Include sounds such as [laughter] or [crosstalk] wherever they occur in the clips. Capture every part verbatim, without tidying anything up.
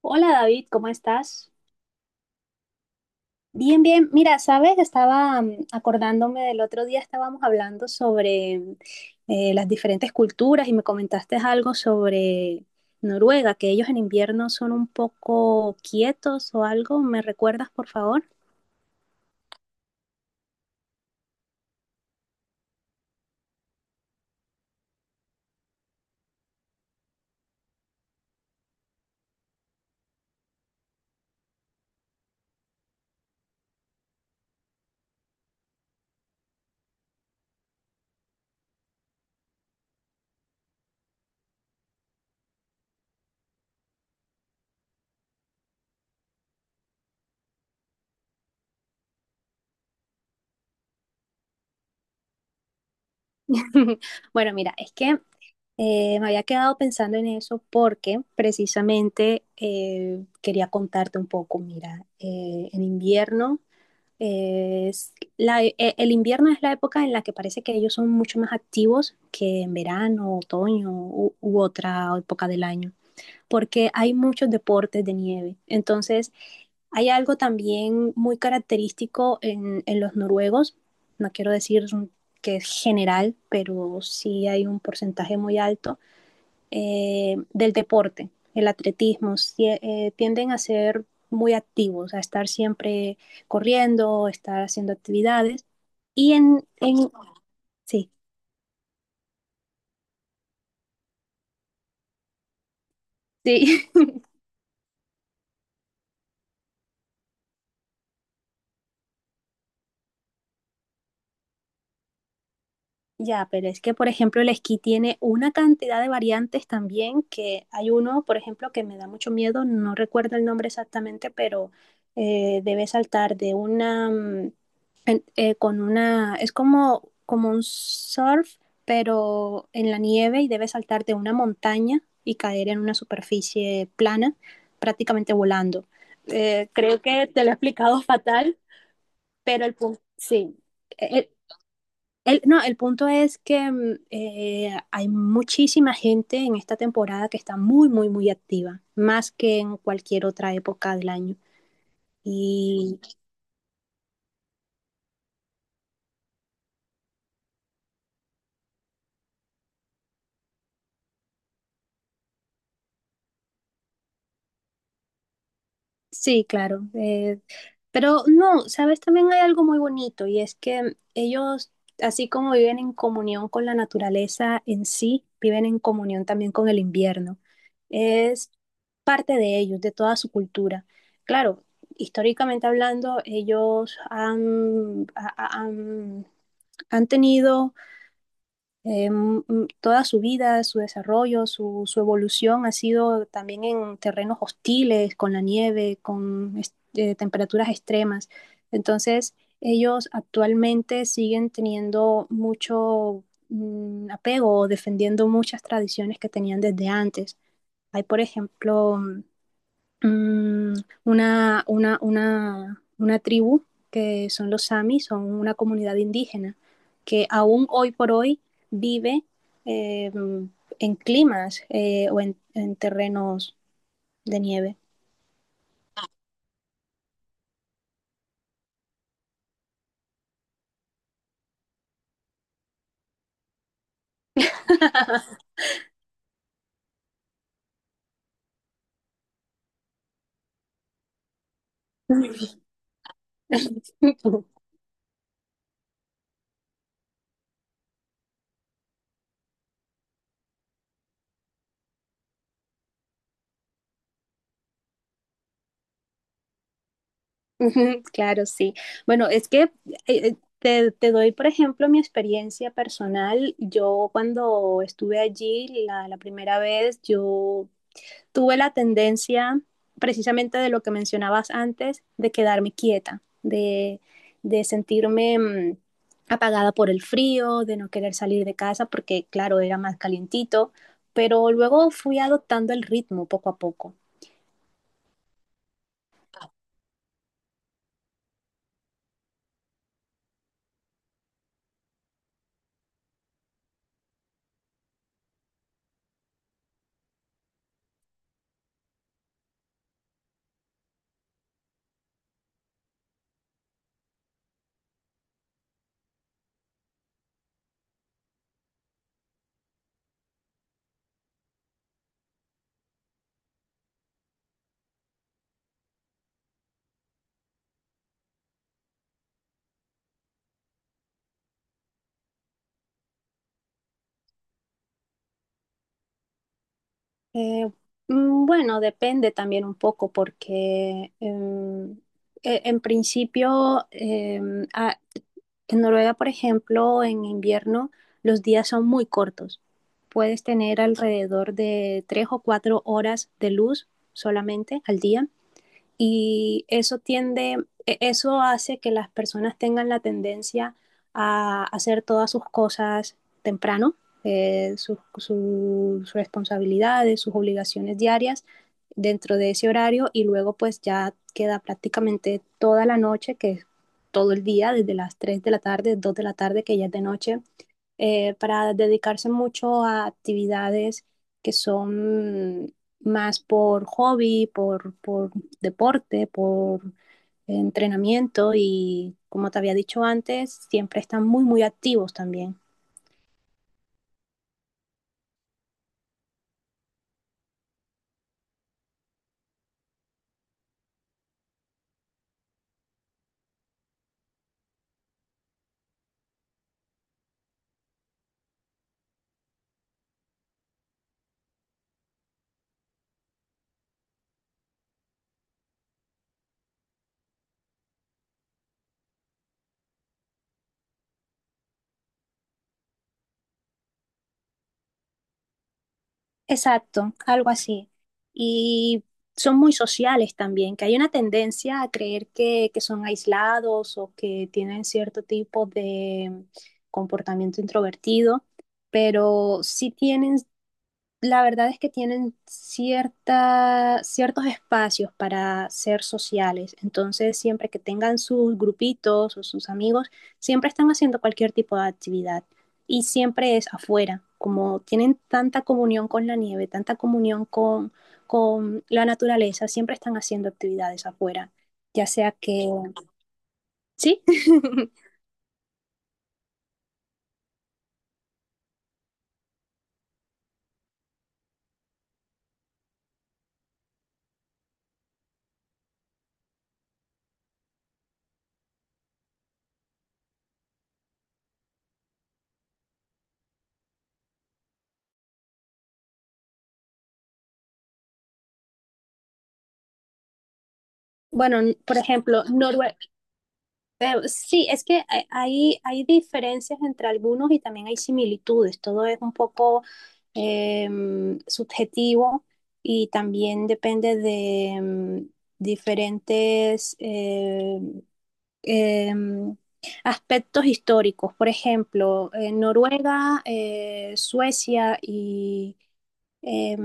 Hola David, ¿cómo estás? Bien, bien. Mira, sabes, estaba mm, acordándome del otro día, estábamos hablando sobre mm, eh, las diferentes culturas y me comentaste algo sobre Noruega, que ellos en invierno son un poco quietos o algo. ¿Me recuerdas, por favor? [laughs] Bueno, mira, es que eh, me había quedado pensando en eso porque precisamente eh, quería contarte un poco. Mira, eh, en invierno. Es la, e- e, el invierno es la época en la que parece que ellos son mucho más activos que en verano, otoño u, u otra época del año, porque hay muchos deportes de nieve. Entonces, hay algo también muy característico en, en los noruegos, no quiero decir que es general, pero sí hay un porcentaje muy alto eh, del deporte, el atletismo, si, eh, tienden a ser muy activos, a estar siempre corriendo, estar haciendo actividades. Y en, en Sí, sí. [laughs] Ya, pero es que, por ejemplo, el esquí tiene una cantidad de variantes también, que hay uno, por ejemplo, que me da mucho miedo, no recuerdo el nombre exactamente, pero eh, debe saltar de una, mm, en- eh, con una, es como, como un surf, pero en la nieve y debe saltar de una montaña y caer en una superficie plana, prácticamente volando. Eh, creo que te lo he explicado fatal, pero el punto, sí. e, el, no, el punto es que mm, eh, hay muchísima gente en esta temporada que está muy, muy, muy activa, más que en cualquier otra época del año. Y Sí, claro. Eh, pero no, sabes, también hay algo muy bonito y es que ellos, así como viven en comunión con la naturaleza en sí, viven en comunión también con el invierno. Es parte de ellos, de toda su cultura. Claro, históricamente hablando, ellos han, ha- ha- han han tenido eh, m- m- toda su vida, su desarrollo, su, su evolución ha sido también en terrenos hostiles, con la nieve, con es- eh, temperaturas extremas. Entonces, ellos actualmente siguen teniendo mucho mm, apego o defendiendo muchas tradiciones que tenían desde antes. Hay, por ejemplo, mm, una, una, una, una tribu que son los Sami, son una comunidad indígena que aún hoy por hoy vive eh, en climas eh, o en, en terrenos de nieve. [laughs] Claro, sí. Bueno, es que eh, eh, te, te doy, por ejemplo, mi experiencia personal. Yo cuando estuve allí la, la primera vez, yo tuve la tendencia, precisamente de lo que mencionabas antes, de quedarme quieta, de, de sentirme mmm, apagada por el frío, de no querer salir de casa porque, claro, era más calientito, pero luego fui adoptando el ritmo poco a poco. Eh, mm, bueno, depende también un poco porque em, e- en principio em, a- en Noruega, por ejemplo, en invierno los días son muy cortos. Puedes tener alrededor de tres o cuatro horas de luz solamente al día y eso tiende, e- eso hace que las personas tengan la tendencia a hacer todas sus cosas temprano, eh, sus, sus responsabilidades, sus obligaciones diarias dentro de ese horario y luego pues ya queda prácticamente toda la noche, que es todo el día, desde las tres de la tarde, dos de la tarde, que ya es de noche, eh, para dedicarse mucho a actividades que son más por hobby, por, por deporte, por entrenamiento y, como te había dicho antes, siempre están muy, muy activos también. Exacto, algo así. Y son muy sociales también, que hay una tendencia a creer que, que son aislados o que tienen cierto tipo de comportamiento introvertido, pero sí tienen la verdad es que tienen cierta, ciertos espacios para ser sociales, entonces siempre que tengan sus grupitos o sus amigos, siempre están haciendo cualquier tipo de actividad y siempre es afuera, como tienen tanta comunión con la nieve, tanta comunión con, con la naturaleza, siempre están haciendo actividades afuera, ya sea que, sí. [laughs] Bueno, n- por ejemplo, Norue- Pero sí, es que hay, hay hay diferencias entre algunos y también hay similitudes. Todo es un poco em, subjetivo y también depende de em, diferentes em, em, aspectos históricos. Por ejemplo, en Noruega, eh, Suecia y eh,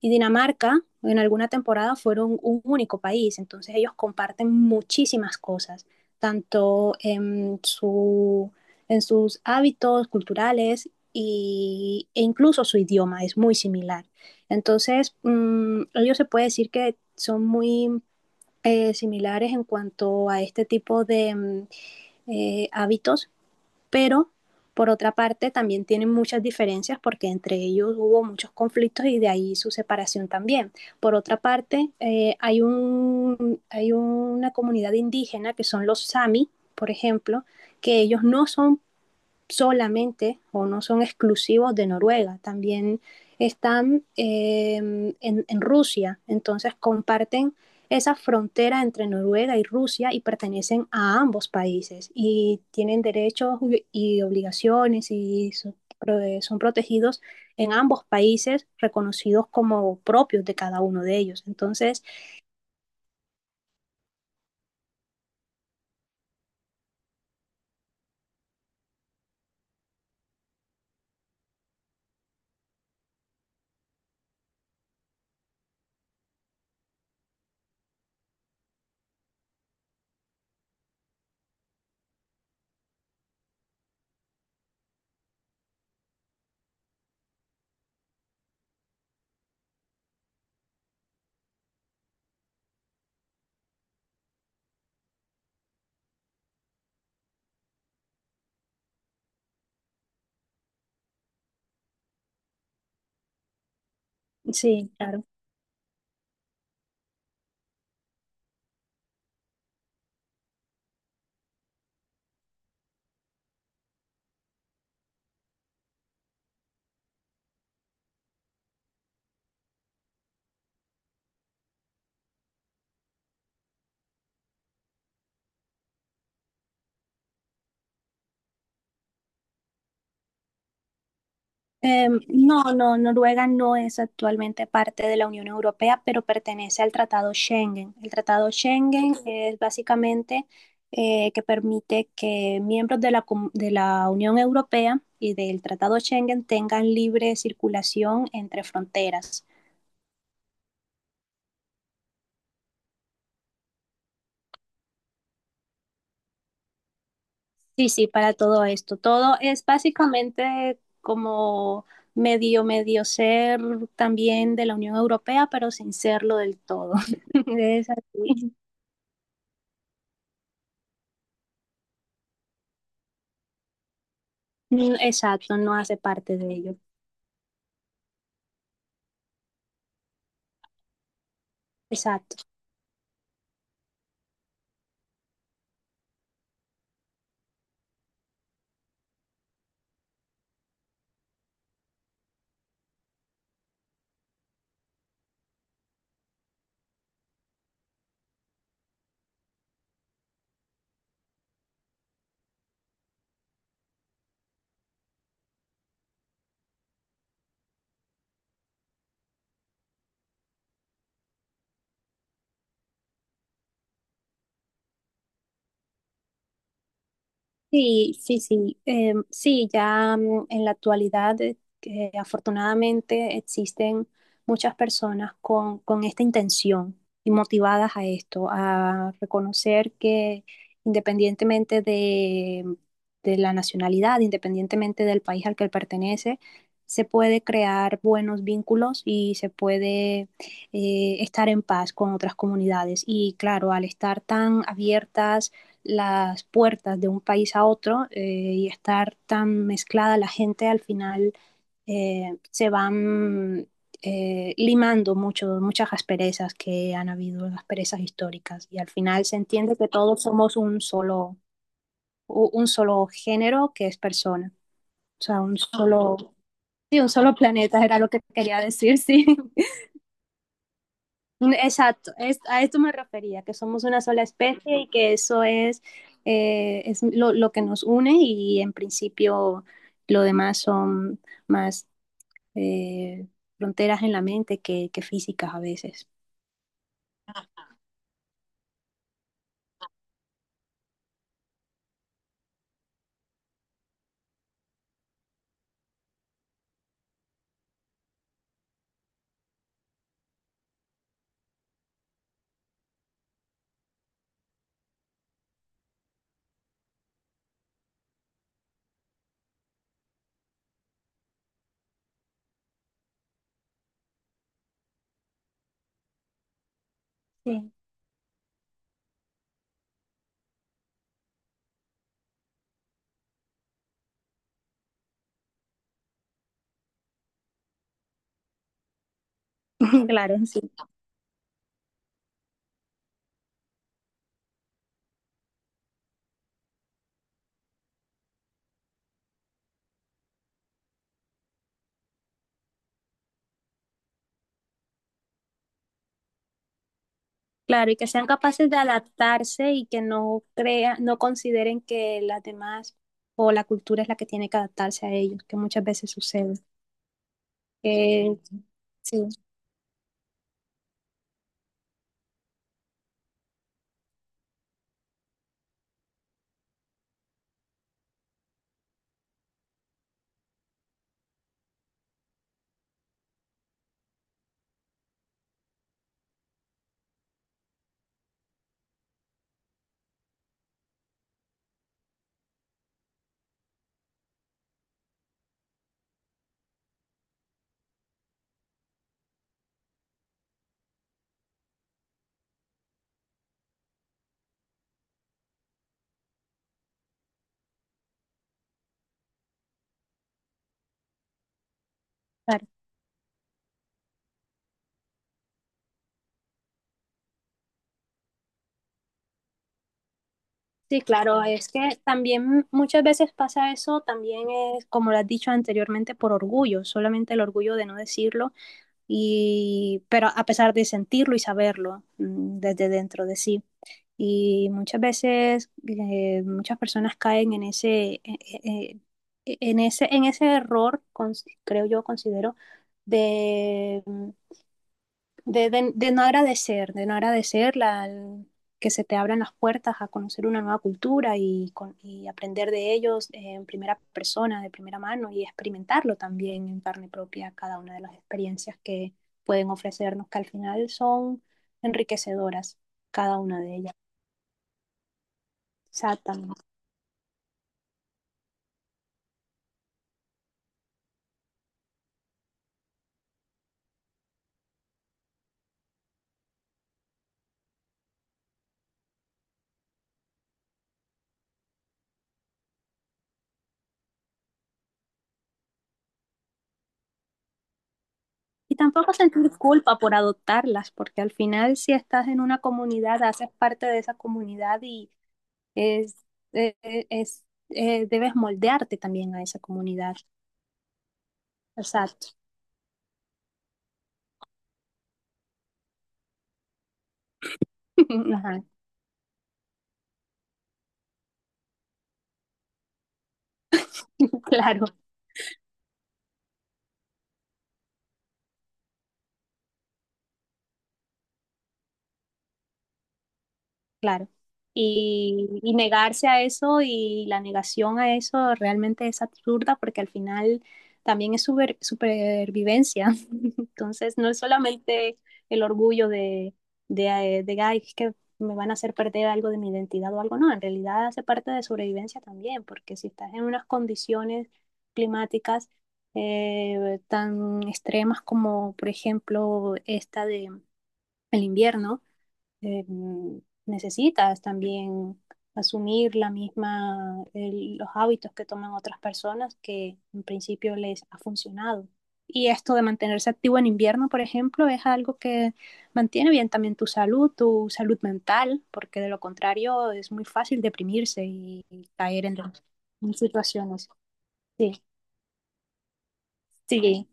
y Dinamarca en alguna temporada fueron un único país, entonces ellos comparten muchísimas cosas, tanto en, su, en sus hábitos culturales y, e incluso su idioma es muy similar. Entonces, mmm, ellos se puede decir que son muy eh, similares en cuanto a este tipo de mm, eh, hábitos, pero por otra parte también tienen muchas diferencias porque entre ellos hubo muchos conflictos y de ahí su separación también. Por otra parte, eh, hay, un, hay una comunidad indígena que son los Sami, por ejemplo, que ellos no son solamente o no son exclusivos de Noruega, también están eh, en, en, Rusia, entonces comparten esa frontera entre Noruega y Rusia y pertenecen a ambos países y tienen derechos y obligaciones y son, son protegidos en ambos países, reconocidos como propios de cada uno de ellos. Entonces, sí, claro. Em, no, no, Noruega no es actualmente parte de la Unión Europea, pero pertenece al Tratado Schengen. El Tratado Schengen es básicamente eh, que permite que miembros de la, com- de la Unión Europea y del Tratado Schengen tengan libre circulación entre fronteras. Sí, sí, para todo esto. Todo es básicamente como medio, medio ser también de la Unión Europea, pero sin serlo del todo. [laughs] Es así. Mm, exacto, no hace parte de ello. Exacto. Sí, sí, sí. Em, sí, ya, mm, en la actualidad, eh, que afortunadamente existen muchas personas con, con esta intención y motivadas a esto, a reconocer que independientemente de, mm, de la nacionalidad, independientemente del país al que pertenece, se puede crear buenos vínculos y se puede eh, estar en paz con otras comunidades. Y claro, al estar tan abiertas las puertas de un país a otro, eh, y estar tan mezclada la gente, al final eh, se van eh, limando mucho, muchas asperezas que han habido, asperezas históricas, y al final se entiende que todos somos un solo, u- un solo género que es persona, o sea, un solo, sí, un solo planeta, era lo que quería decir. [laughs] Sí, mm, exacto, es- a esto me refería, que somos una sola especie y que eso es, eh, es lo, lo que nos une y en principio lo demás son más eh, fronteras en la mente que, que físicas a veces. Sí. [laughs] Claro, sí. Claro, y que sean capaces de adaptarse y que no crea, no consideren que las demás o la cultura es la que tiene que adaptarse a ellos, que muchas veces sucede. Eh, sí, claro. Sí, claro, es que también muchas veces pasa eso, también es, como lo has dicho anteriormente, por orgullo, solamente el orgullo de no decirlo, y, pero a pesar de sentirlo y saberlo, mm, desde dentro de sí. Y muchas veces eh, muchas personas caen en ese, eh, eh, en ese, en ese error, cons- creo yo, considero, de mm, de, de- de no agradecer, de no agradecer la, el- que se te abran las puertas a conocer una nueva cultura y, con- y aprender de ellos en primera persona, de primera mano y experimentarlo también en carne propia cada una de las experiencias que pueden ofrecernos, que al final son enriquecedoras, cada una de ellas. Exactamente. Y tampoco sentir culpa por adoptarlas, porque al final si estás en una comunidad, haces parte de esa comunidad y Es, eh, eh, es, eh, debes moldearte también a esa comunidad. Exacto. [laughs] Ajá. [laughs] Claro. Claro. Y, y negarse a eso y la negación a eso realmente es absurda porque al final también es super- supervivencia. [laughs] Entonces, no es solamente el orgullo de, de, eh, de, "Ay, es que me van a hacer perder algo de mi identidad o algo". No, en realidad hace parte de sobrevivencia también, porque si estás en unas condiciones climáticas eh, tan extremas como, por ejemplo, esta de el invierno, eh, necesitas también asumir la misma, el- los hábitos que toman otras personas que en principio les ha funcionado. Y esto de mantenerse activo en invierno, por ejemplo, es algo que mantiene bien también tu salud, tu salud mental, porque de lo contrario es muy fácil deprimirse y, y caer en, en situaciones. Sí, sí.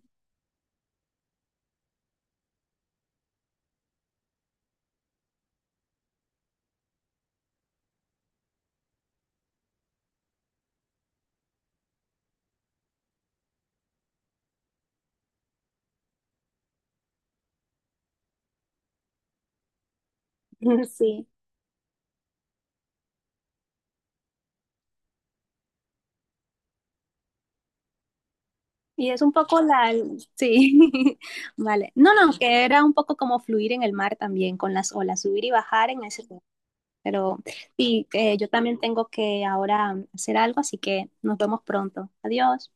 [laughs] Sí. Y es un poco la, sí. [laughs] Vale. No, no, que era un poco como fluir en el mar también con las olas, subir y bajar en ese tiempo. Pero sí, eh, yo también tengo que ahora hacer algo, así que nos vemos pronto. Adiós.